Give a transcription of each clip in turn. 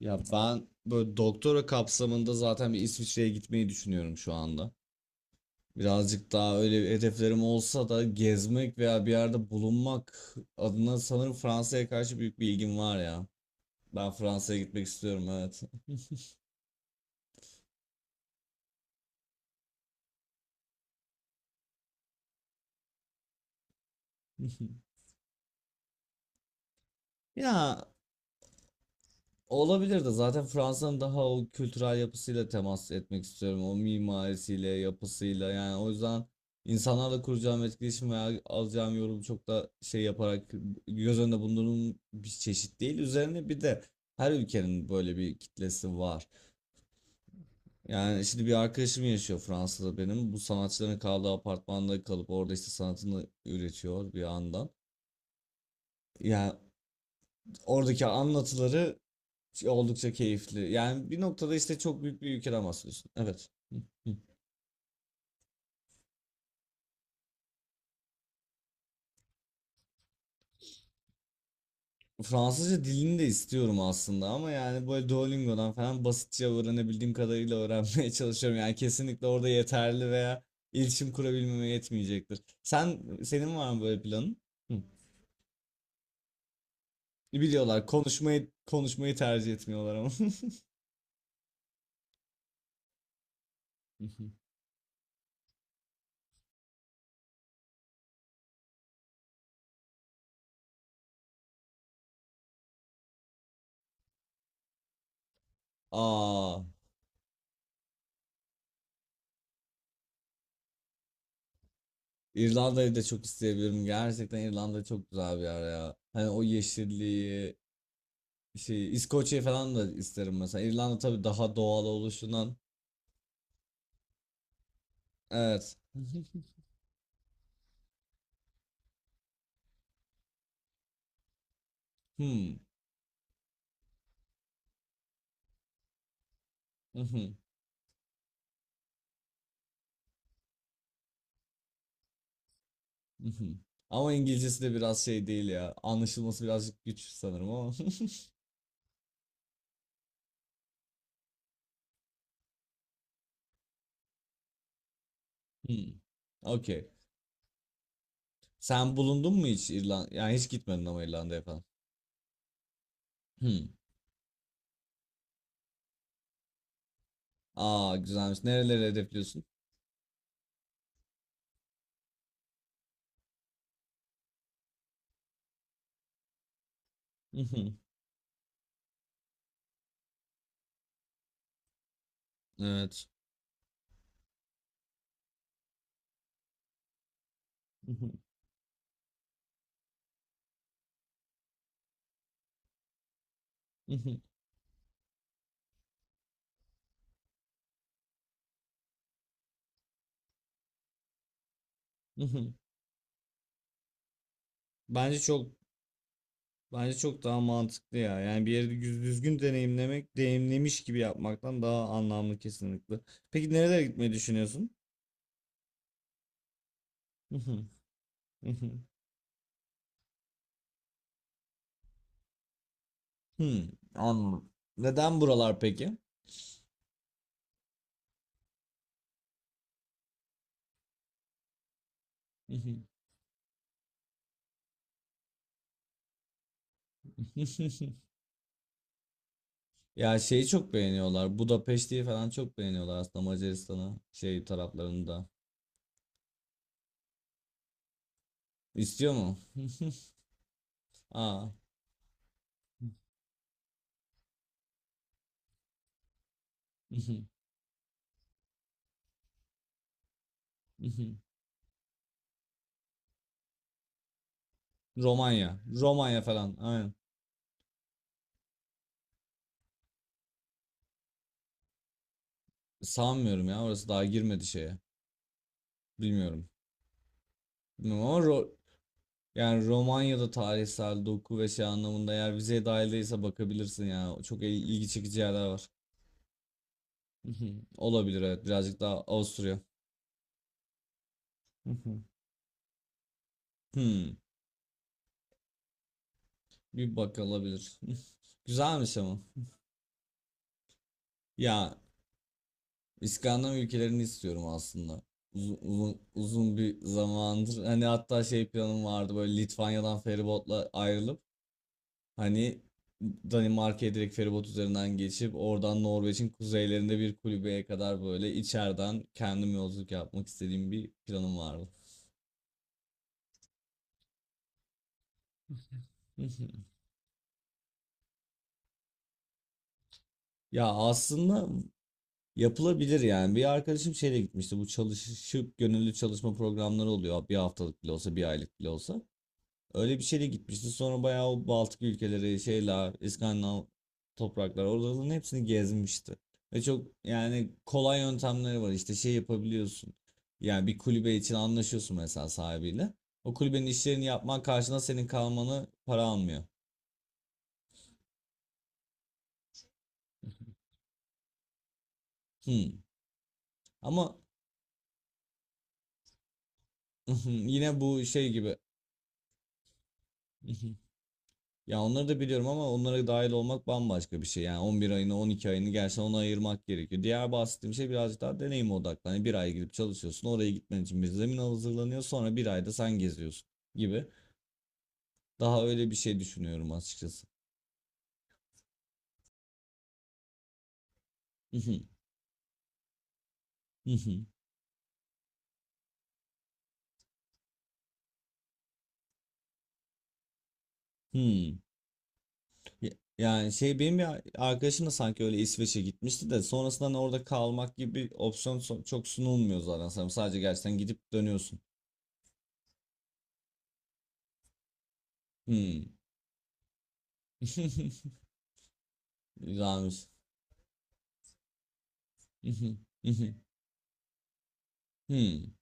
Ya ben böyle doktora kapsamında zaten bir İsviçre'ye gitmeyi düşünüyorum şu anda. Birazcık daha öyle hedeflerim olsa da gezmek veya bir yerde bulunmak adına sanırım Fransa'ya karşı büyük bir ilgim var ya. Ben Fransa'ya gitmek istiyorum evet. Ya olabilir de zaten Fransa'nın daha o kültürel yapısıyla temas etmek istiyorum. O mimarisiyle, yapısıyla yani o yüzden insanlarla kuracağım etkileşim veya alacağım yorum çok da şey yaparak göz önünde bulundurduğum bir çeşit değil. Üzerine bir de her ülkenin böyle bir kitlesi var. Yani şimdi bir arkadaşım yaşıyor Fransa'da benim. Bu sanatçıların kaldığı apartmanda kalıp orada işte sanatını üretiyor bir yandan. Yani oradaki anlatıları şey, oldukça keyifli. Yani bir noktada işte çok büyük bir ülkeden bahsediyorsun. Evet. Hı, hı. Fransızca dilini de istiyorum aslında ama yani böyle Duolingo'dan falan basitçe öğrenebildiğim kadarıyla öğrenmeye çalışıyorum. Yani kesinlikle orada yeterli veya iletişim kurabilmeme yetmeyecektir. Senin var mı böyle planın? Hı. Biliyorlar konuşmayı tercih etmiyorlar ama. Hı hı. Aa, İrlanda'yı da çok isteyebilirim. Gerçekten İrlanda çok güzel bir yer ya. Hani o yeşilliği, şey İskoçya falan da isterim mesela. İrlanda tabii daha doğal oluşundan. Evet. Hmm. Mhm, mhm. Ama İngilizcesi de biraz şey değil ya. Anlaşılması birazcık güç sanırım ama. Hmm. Okey. Sen bulundun mu hiç İrlanda? Yani hiç gitmedin ama İrlanda'ya falan. Hmm. Aa, güzelmiş. Nereleri hedefliyorsun? Mhm. Evet. Mhm, mhm, mhm. Bence çok Bence çok daha mantıklı ya. Yani bir yeri düzgün deneyimlemek, deneyimlemiş gibi yapmaktan daha anlamlı kesinlikle. Peki nerelere gitmeyi düşünüyorsun? Hmm, anladım. Neden buralar peki? Ya şeyi çok beğeniyorlar. Budapeşte'yi falan çok beğeniyorlar aslında Macaristan'ı şey taraflarında. İstiyor mu? Aa. Romanya. Romanya falan. Aynen. Sanmıyorum ya. Orası daha girmedi şeye. Bilmiyorum. Bilmiyorum ama yani Romanya'da tarihsel doku ve şey anlamında eğer vizeye dahil değilse bakabilirsin ya. Çok ilgi çekici yerler var. Olabilir evet. Birazcık daha Avusturya. Hmm, bir bakılabilir. Güzelmiş ama. Ya İskandinav ülkelerini istiyorum aslında. Uzun, uzun, uzun bir zamandır. Hani hatta şey planım vardı böyle Litvanya'dan feribotla ayrılıp hani Danimarka'ya direkt feribot üzerinden geçip oradan Norveç'in kuzeylerinde bir kulübeye kadar böyle içeriden kendim yolculuk yapmak istediğim bir planım vardı. Ya aslında yapılabilir yani. Bir arkadaşım şeyle gitmişti. Bu çalışıp gönüllü çalışma programları oluyor. Bir haftalık bile olsa, bir aylık bile olsa. Öyle bir şeyle gitmişti. Sonra bayağı o Baltık ülkeleri, şeyler, İskandinav topraklar oraların hepsini gezmişti. Ve çok yani kolay yöntemleri var. İşte şey yapabiliyorsun. Yani bir kulübe için anlaşıyorsun mesela sahibiyle. O kulübenin işlerini yapman karşılığında senin kalmanı para almıyor. Hmm. Ama yine bu şey gibi. Ya onları da biliyorum ama onlara dahil olmak bambaşka bir şey. Yani 11 ayını 12 ayını gerçekten ona ayırmak gerekiyor. Diğer bahsettiğim şey birazcık daha deneyim odaklı. Hani bir ay gidip çalışıyorsun oraya gitmen için bir zemin hazırlanıyor sonra bir ayda sen geziyorsun gibi. Daha öyle bir şey düşünüyorum açıkçası. Hmm. Ya- Yani şey benim bir arkadaşım da sanki öyle İsveç'e gitmişti de sonrasında hani orada kalmak gibi bir opsiyon çok sunulmuyor zaten. Sen sadece gerçekten gidip dönüyorsun. Hmm. Güzelmiş.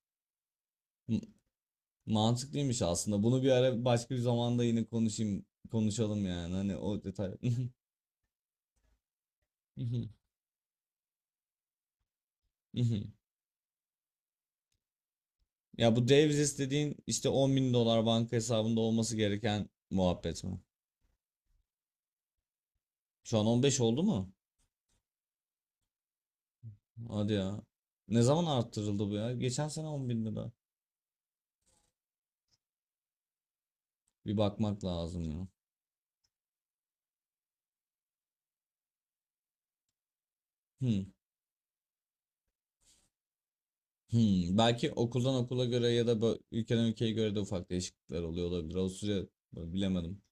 M- Mantıklıymış aslında. Bunu bir ara başka bir zamanda yine konuşalım yani. Hani o detay. Ya bu Davis dediğin işte 10 bin dolar banka hesabında olması gereken muhabbet mi? Şu an 15 oldu mu? Hadi ya. Ne zaman arttırıldı bu ya? Geçen sene 10 bin lira. Bir bakmak lazım ya. Hmm. Hmm. Belki okuldan okula göre ya da ülkeden ülkeye göre de ufak değişiklikler oluyor olabilir. O süre bilemedim.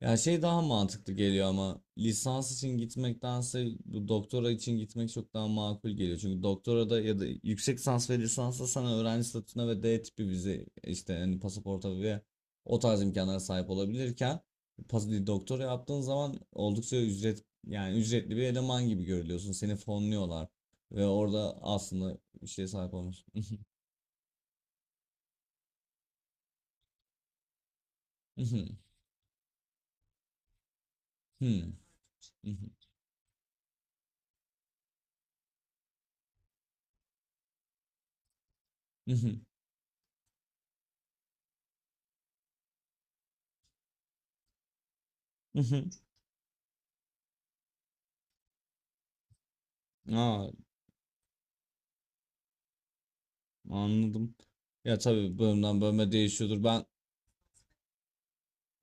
Ya şey daha mantıklı geliyor ama lisans için gitmektense bu doktora için gitmek çok daha makul geliyor. Çünkü doktorada ya da yüksek lisans ve lisansta sana öğrenci statüsüne ve D tipi vize işte hani pasaporta ve o tarz imkanlara sahip olabilirken doktora yaptığın zaman oldukça ücret yani ücretli bir eleman gibi görülüyorsun. Seni fonluyorlar ve orada aslında bir şeye sahip olmuş. Aa, anladım. Ya tabii bölümden bölüme değişiyordur. Ben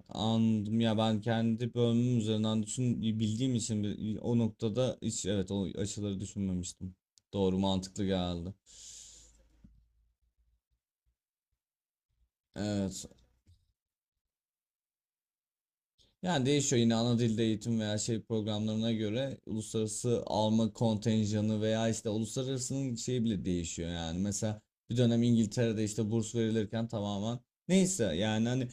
anladım ya ben kendi bölümüm üzerinden düşün bildiğim için o noktada hiç evet o açıları düşünmemiştim. Doğru mantıklı geldi. Evet. Yani değişiyor yine ana dilde eğitim veya şey programlarına göre uluslararası alma kontenjanı veya işte uluslararasının şeyi bile değişiyor yani. Mesela bir dönem İngiltere'de işte burs verilirken tamamen neyse yani hani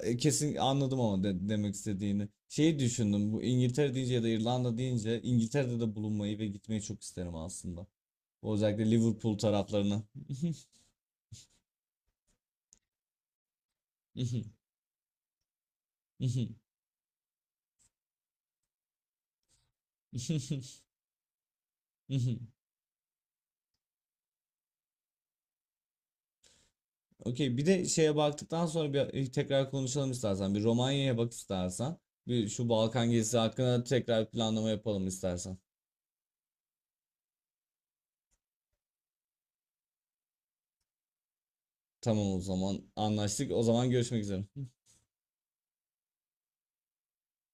kesin anladım ama demek istediğini. Şeyi düşündüm bu İngiltere deyince ya da İrlanda deyince İngiltere'de de bulunmayı ve gitmeyi çok isterim aslında. Özellikle Liverpool taraflarına. Okey. Bir de şeye baktıktan sonra bir tekrar konuşalım istersen. Bir Romanya'ya bak istersen. Bir şu Balkan gezisi hakkında tekrar planlama yapalım istersen. Tamam o zaman anlaştık. O zaman görüşmek üzere.